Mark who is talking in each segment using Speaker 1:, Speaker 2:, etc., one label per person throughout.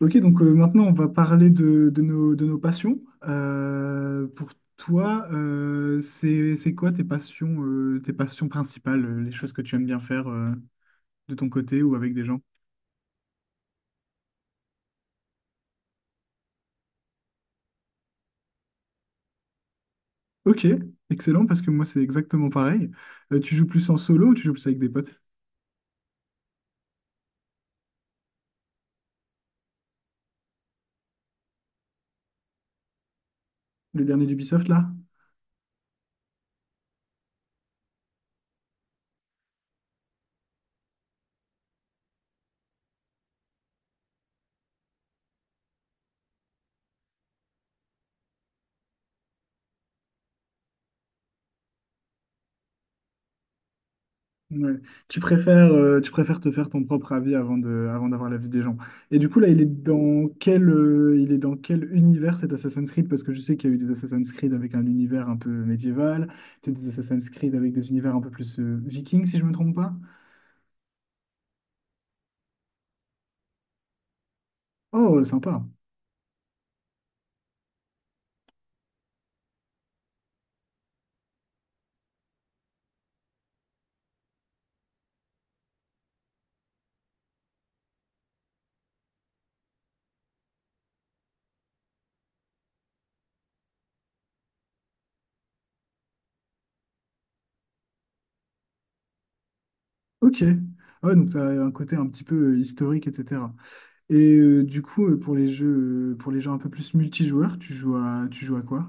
Speaker 1: Ok, donc maintenant on va parler de nos passions. Pour toi, c'est quoi tes passions principales, les choses que tu aimes bien faire de ton côté ou avec des gens? Ok, excellent, parce que moi c'est exactement pareil. Tu joues plus en solo ou tu joues plus avec des potes? Le dernier d'Ubisoft là? Ouais. Tu préfères te faire ton propre avis avant d'avoir l'avis des gens. Et du coup, là, il est dans quel, il est dans quel univers cet Assassin's Creed? Parce que je sais qu'il y a eu des Assassin's Creed avec un univers un peu médiéval, peut-être des Assassin's Creed avec des univers un peu plus vikings, si je me trompe pas. Oh, sympa. Ok. Ah ouais, donc ça a un côté un petit peu historique, etc. Et du coup, pour les jeux un peu plus multijoueurs, tu joues à quoi?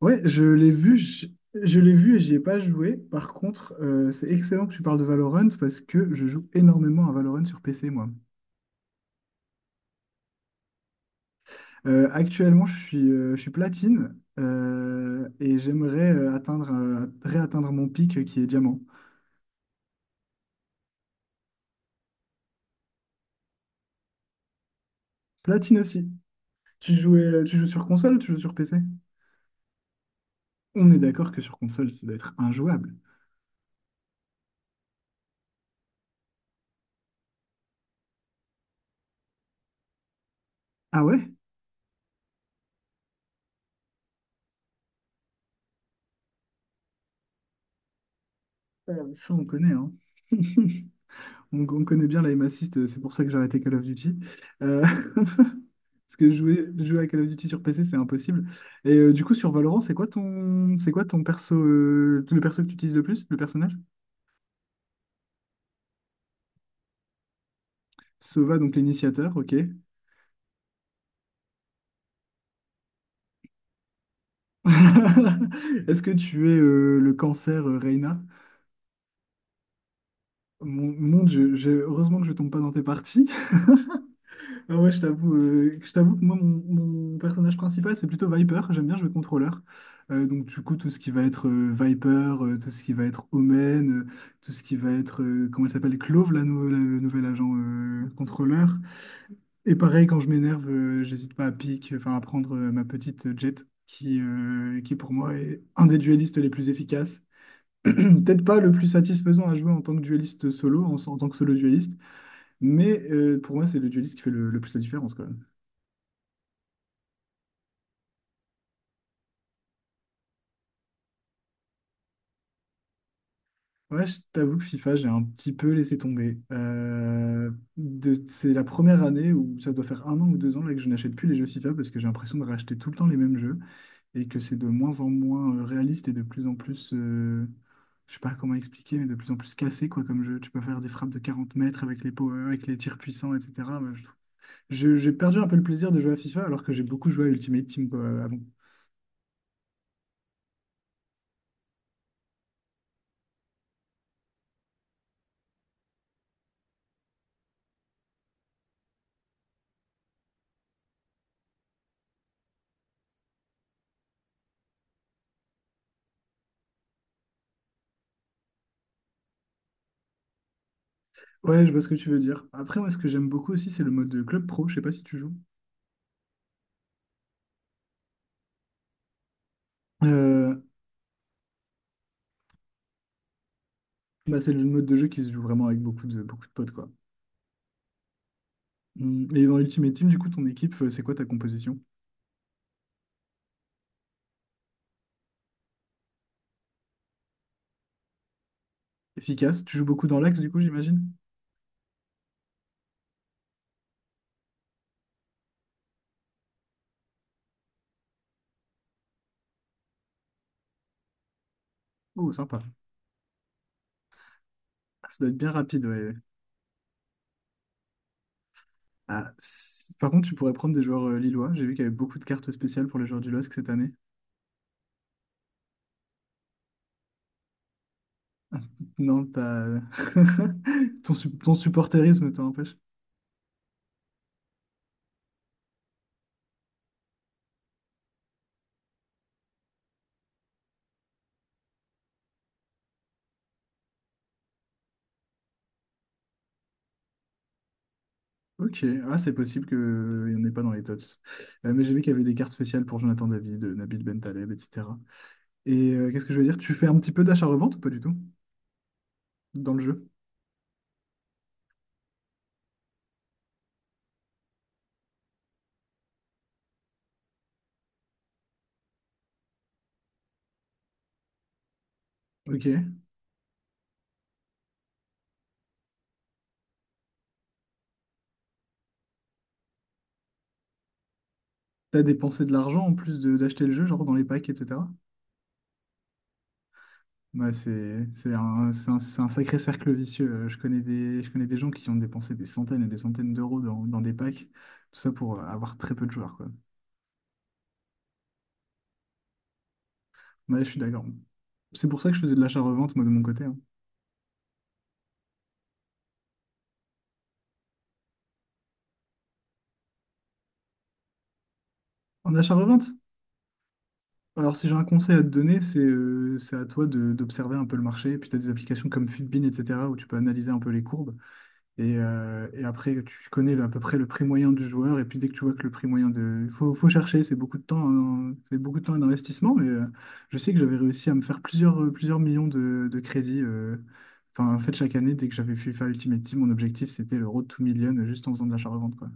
Speaker 1: Ouais, je l'ai vu, je l'ai vu et j'y ai pas joué. Par contre, c'est excellent que tu parles de Valorant parce que je joue énormément à Valorant sur PC, moi. Actuellement, je suis platine et j'aimerais réatteindre mon pic qui est diamant. Platine aussi. Tu joues sur console ou tu joues sur PC? On est d'accord que sur console, ça doit être injouable. Ah ouais? Ça, on connaît, hein. On connaît bien la aim assist, c'est pour ça que j'ai arrêté Call of Duty. Euh, Parce que jouer à Call of Duty sur PC, c'est impossible. Et du coup, sur Valorant, c'est quoi ton perso, le perso que tu utilises le plus, le personnage? Sova, donc l'initiateur, ok. Est-ce que tu es le cancer, Reyna? Mon Dieu, heureusement que je tombe pas dans tes parties. Ah ouais, je t'avoue que moi, mon personnage principal, c'est plutôt Viper. J'aime bien jouer contrôleur. Donc, du coup, tout ce qui va être Viper, tout ce qui va être Omen, tout ce qui va être, comment elle s'appelle, Clove, le nouvel agent contrôleur. Et pareil, quand je m'énerve, j'hésite pas enfin, à prendre ma petite Jet, qui pour moi est un des duellistes les plus efficaces. Peut-être pas le plus satisfaisant à jouer en tant que duelliste solo, en tant que solo duelliste, mais pour moi, c'est le duelliste qui fait le plus la différence, quoi. Ouais, je t'avoue que FIFA, j'ai un petit peu laissé tomber. C'est la première année où ça doit faire un an ou 2 ans là, que je n'achète plus les jeux FIFA parce que j'ai l'impression de racheter tout le temps les mêmes jeux et que c'est de moins en moins réaliste et de plus en plus, je sais pas comment expliquer, mais de plus en plus cassé quoi, comme jeu. Tu peux faire des frappes de 40 mètres avec les tirs puissants, etc. Moi, j'ai perdu un peu le plaisir de jouer à FIFA alors que j'ai beaucoup joué à Ultimate Team quoi, avant. Ouais, je vois ce que tu veux dire. Après, moi, ce que j'aime beaucoup aussi, c'est le mode de club pro. Je sais pas si tu joues. Euh, Bah, c'est le mode de jeu qui se joue vraiment avec beaucoup de potes, quoi. Et dans Ultimate Team, du coup, ton équipe, c'est quoi ta composition? Efficace? Tu joues beaucoup dans l'axe, du coup, j'imagine? Oh, sympa. Ah, ça doit être bien rapide, ouais. Par contre, tu pourrais prendre des joueurs lillois. J'ai vu qu'il y avait beaucoup de cartes spéciales pour les joueurs du LOSC cette année. Non, t'as... ton supporterisme t'en empêche. Ok, ah, c'est possible qu'il n'y en ait pas dans les tots. Mais j'ai vu qu'il y avait des cartes spéciales pour Jonathan David, Nabil Bentaleb, etc. Et qu'est-ce que je veux dire? Tu fais un petit peu d'achat-revente ou pas du tout dans le jeu? Ok. T'as dépensé de l'argent en plus de d'acheter le jeu, genre dans les packs, etc. Ouais, c'est un sacré cercle vicieux. Je connais des gens qui ont dépensé des centaines et des centaines d'euros dans des packs, tout ça pour avoir très peu de joueurs, quoi. Ouais, je suis d'accord. C'est pour ça que je faisais de l'achat-revente, moi, de mon côté, hein. En achat-revente? Alors, si j'ai un conseil à te donner, c'est à toi d'observer un peu le marché. Puis, tu as des applications comme Fitbin, etc., où tu peux analyser un peu les courbes. Et après, tu connais à peu près le prix moyen du joueur. Et puis dès que tu vois que le prix moyen de... faut chercher, c'est beaucoup de temps, hein, c'est beaucoup de temps et d'investissement. Mais je sais que j'avais réussi à me faire plusieurs millions de crédits. Enfin, en fait, chaque année, dès que j'avais FIFA Ultimate Team, mon objectif, c'était le road to million juste en faisant de l'achat-revente, quoi.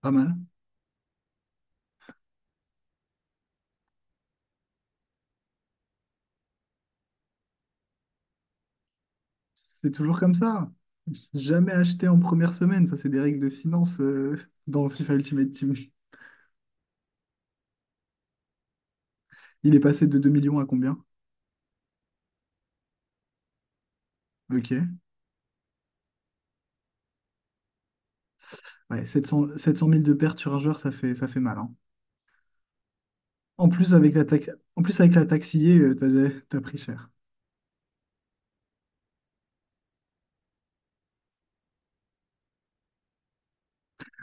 Speaker 1: Pas mal. C'est toujours comme ça. Jamais acheté en première semaine. Ça, c'est des règles de finance dans FIFA Ultimate Team. Il est passé de 2 millions à combien? Ok. Ouais, 700 000 de pertes sur un joueur, ça fait mal, hein. En plus, avec la taxe, en plus, avec la taxe IA, t'as pris cher.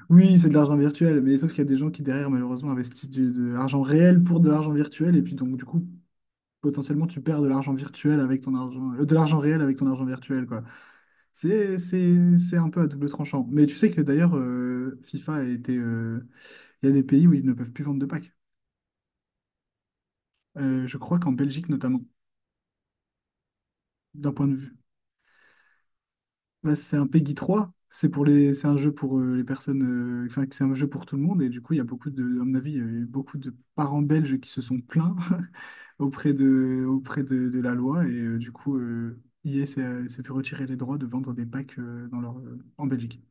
Speaker 1: Oui, c'est de l'argent virtuel, mais sauf qu'il y a des gens qui, derrière, malheureusement, investissent de l'argent réel pour de l'argent virtuel. Et puis, donc, du coup, potentiellement, tu perds de l'argent virtuel avec ton argent, de l'argent réel avec ton argent virtuel, quoi. C'est un peu à double tranchant. Mais tu sais que, d'ailleurs, il y a des pays où ils ne peuvent plus vendre de packs. Je crois qu'en Belgique, notamment, d'un point de bah, c'est un PEGI 3. C'est un jeu pour les personnes. Enfin, c'est un jeu pour tout le monde. Et du coup, il y a beaucoup de, à mon avis, il y a eu beaucoup de parents belges qui se sont plaints auprès de la loi. Et du coup, EA s'est fait retirer les droits de vendre des packs en Belgique.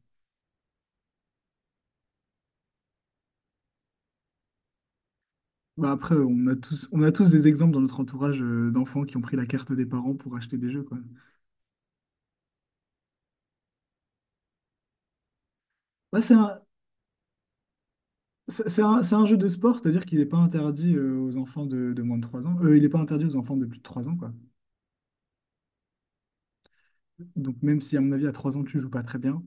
Speaker 1: Bah, après, on a tous des exemples dans notre entourage d'enfants qui ont pris la carte des parents pour acheter des jeux, quoi. Ouais, c'est un jeu de sport, c'est-à-dire qu'il n'est pas interdit aux enfants de moins de 3 ans. Il n'est pas interdit aux enfants de plus de 3 ans, quoi. Donc même si à mon avis à 3 ans tu joues pas très bien.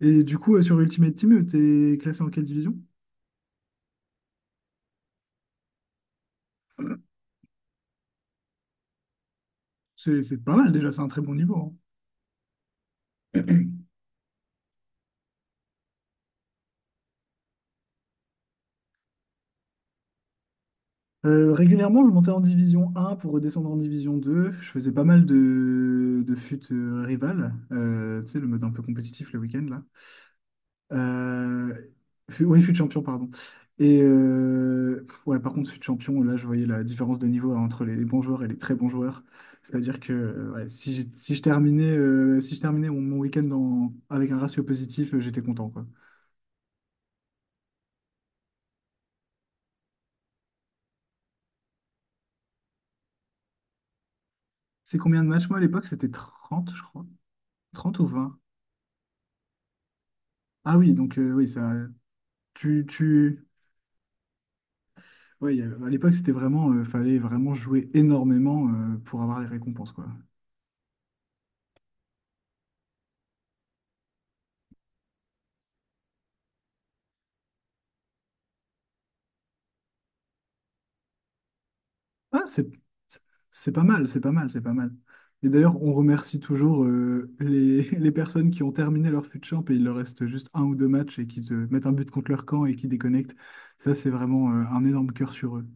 Speaker 1: Et du coup sur Ultimate Team, t'es classé en quelle division? C'est pas mal déjà, c'est un très bon niveau, hein. Régulièrement je montais en division 1 pour redescendre en division 2. Je faisais pas mal de fut rival. Tu sais le mode un peu compétitif le week-end là. Euh, oui, fut champion, pardon. Et ouais, par contre, fut champion, là, je voyais la différence de niveau, hein, entre les bons joueurs et les très bons joueurs. C'est-à-dire que ouais, si, si je terminais mon week-end avec un ratio positif, j'étais content, quoi. C'est combien de matchs? Moi, à l'époque, c'était 30, je crois. 30 ou 20. Ah oui, donc oui, ça... Tu... Ouais, à l'époque, c'était vraiment... fallait vraiment jouer énormément pour avoir les récompenses, quoi. Ah, c'est pas mal, c'est pas mal, c'est pas mal. Et d'ailleurs, on remercie toujours les personnes qui ont terminé leur fut champ et il leur reste juste un ou deux matchs et qui te mettent un but contre leur camp et qui déconnectent. Ça, c'est vraiment un énorme cœur sur eux.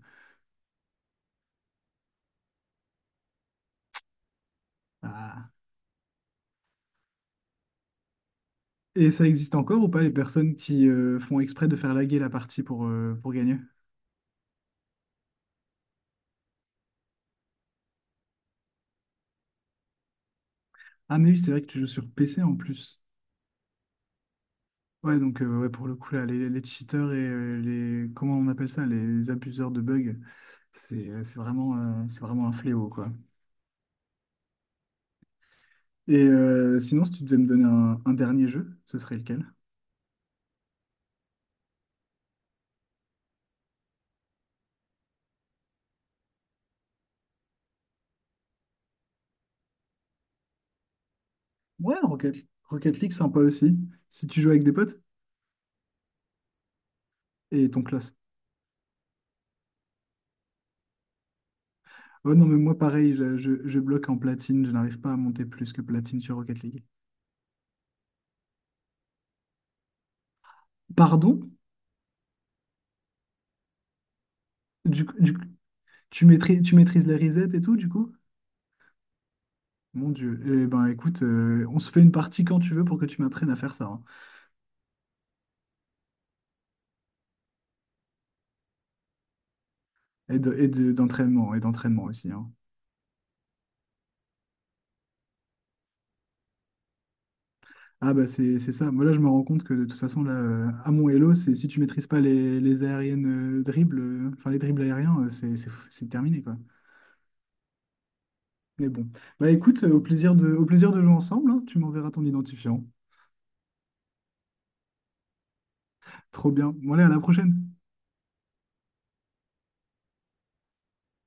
Speaker 1: Ah. Et ça existe encore ou pas les personnes qui font exprès de faire laguer la partie pour gagner? Ah, mais oui, c'est vrai que tu joues sur PC en plus. Ouais, donc ouais, pour le coup, là, les cheaters et les... Comment on appelle ça? Les abuseurs de bugs, c'est vraiment un fléau, quoi. Et sinon, si tu devais me donner un dernier jeu, ce serait lequel? Ouais, Rocket League, sympa aussi. Si tu joues avec des potes et ton classe. Oh non, mais moi, pareil, je bloque en platine. Je n'arrive pas à monter plus que platine sur Rocket League. Pardon? Du coup, tu maîtrises les resets et tout, du coup? Mon Dieu. Eh ben, écoute, on se fait une partie quand tu veux pour que tu m'apprennes à faire ça, hein. D'entraînement, et d'entraînement aussi, hein. Ah bah c'est ça. Moi là je me rends compte que de toute façon là à mon Hello, c'est si tu maîtrises pas les aériennes dribbles, enfin les dribbles aériens, c'est terminé quoi. Mais bon. Bah écoute, au plaisir de jouer ensemble, hein. Tu m'enverras ton identifiant. Trop bien. Bon allez, à la prochaine.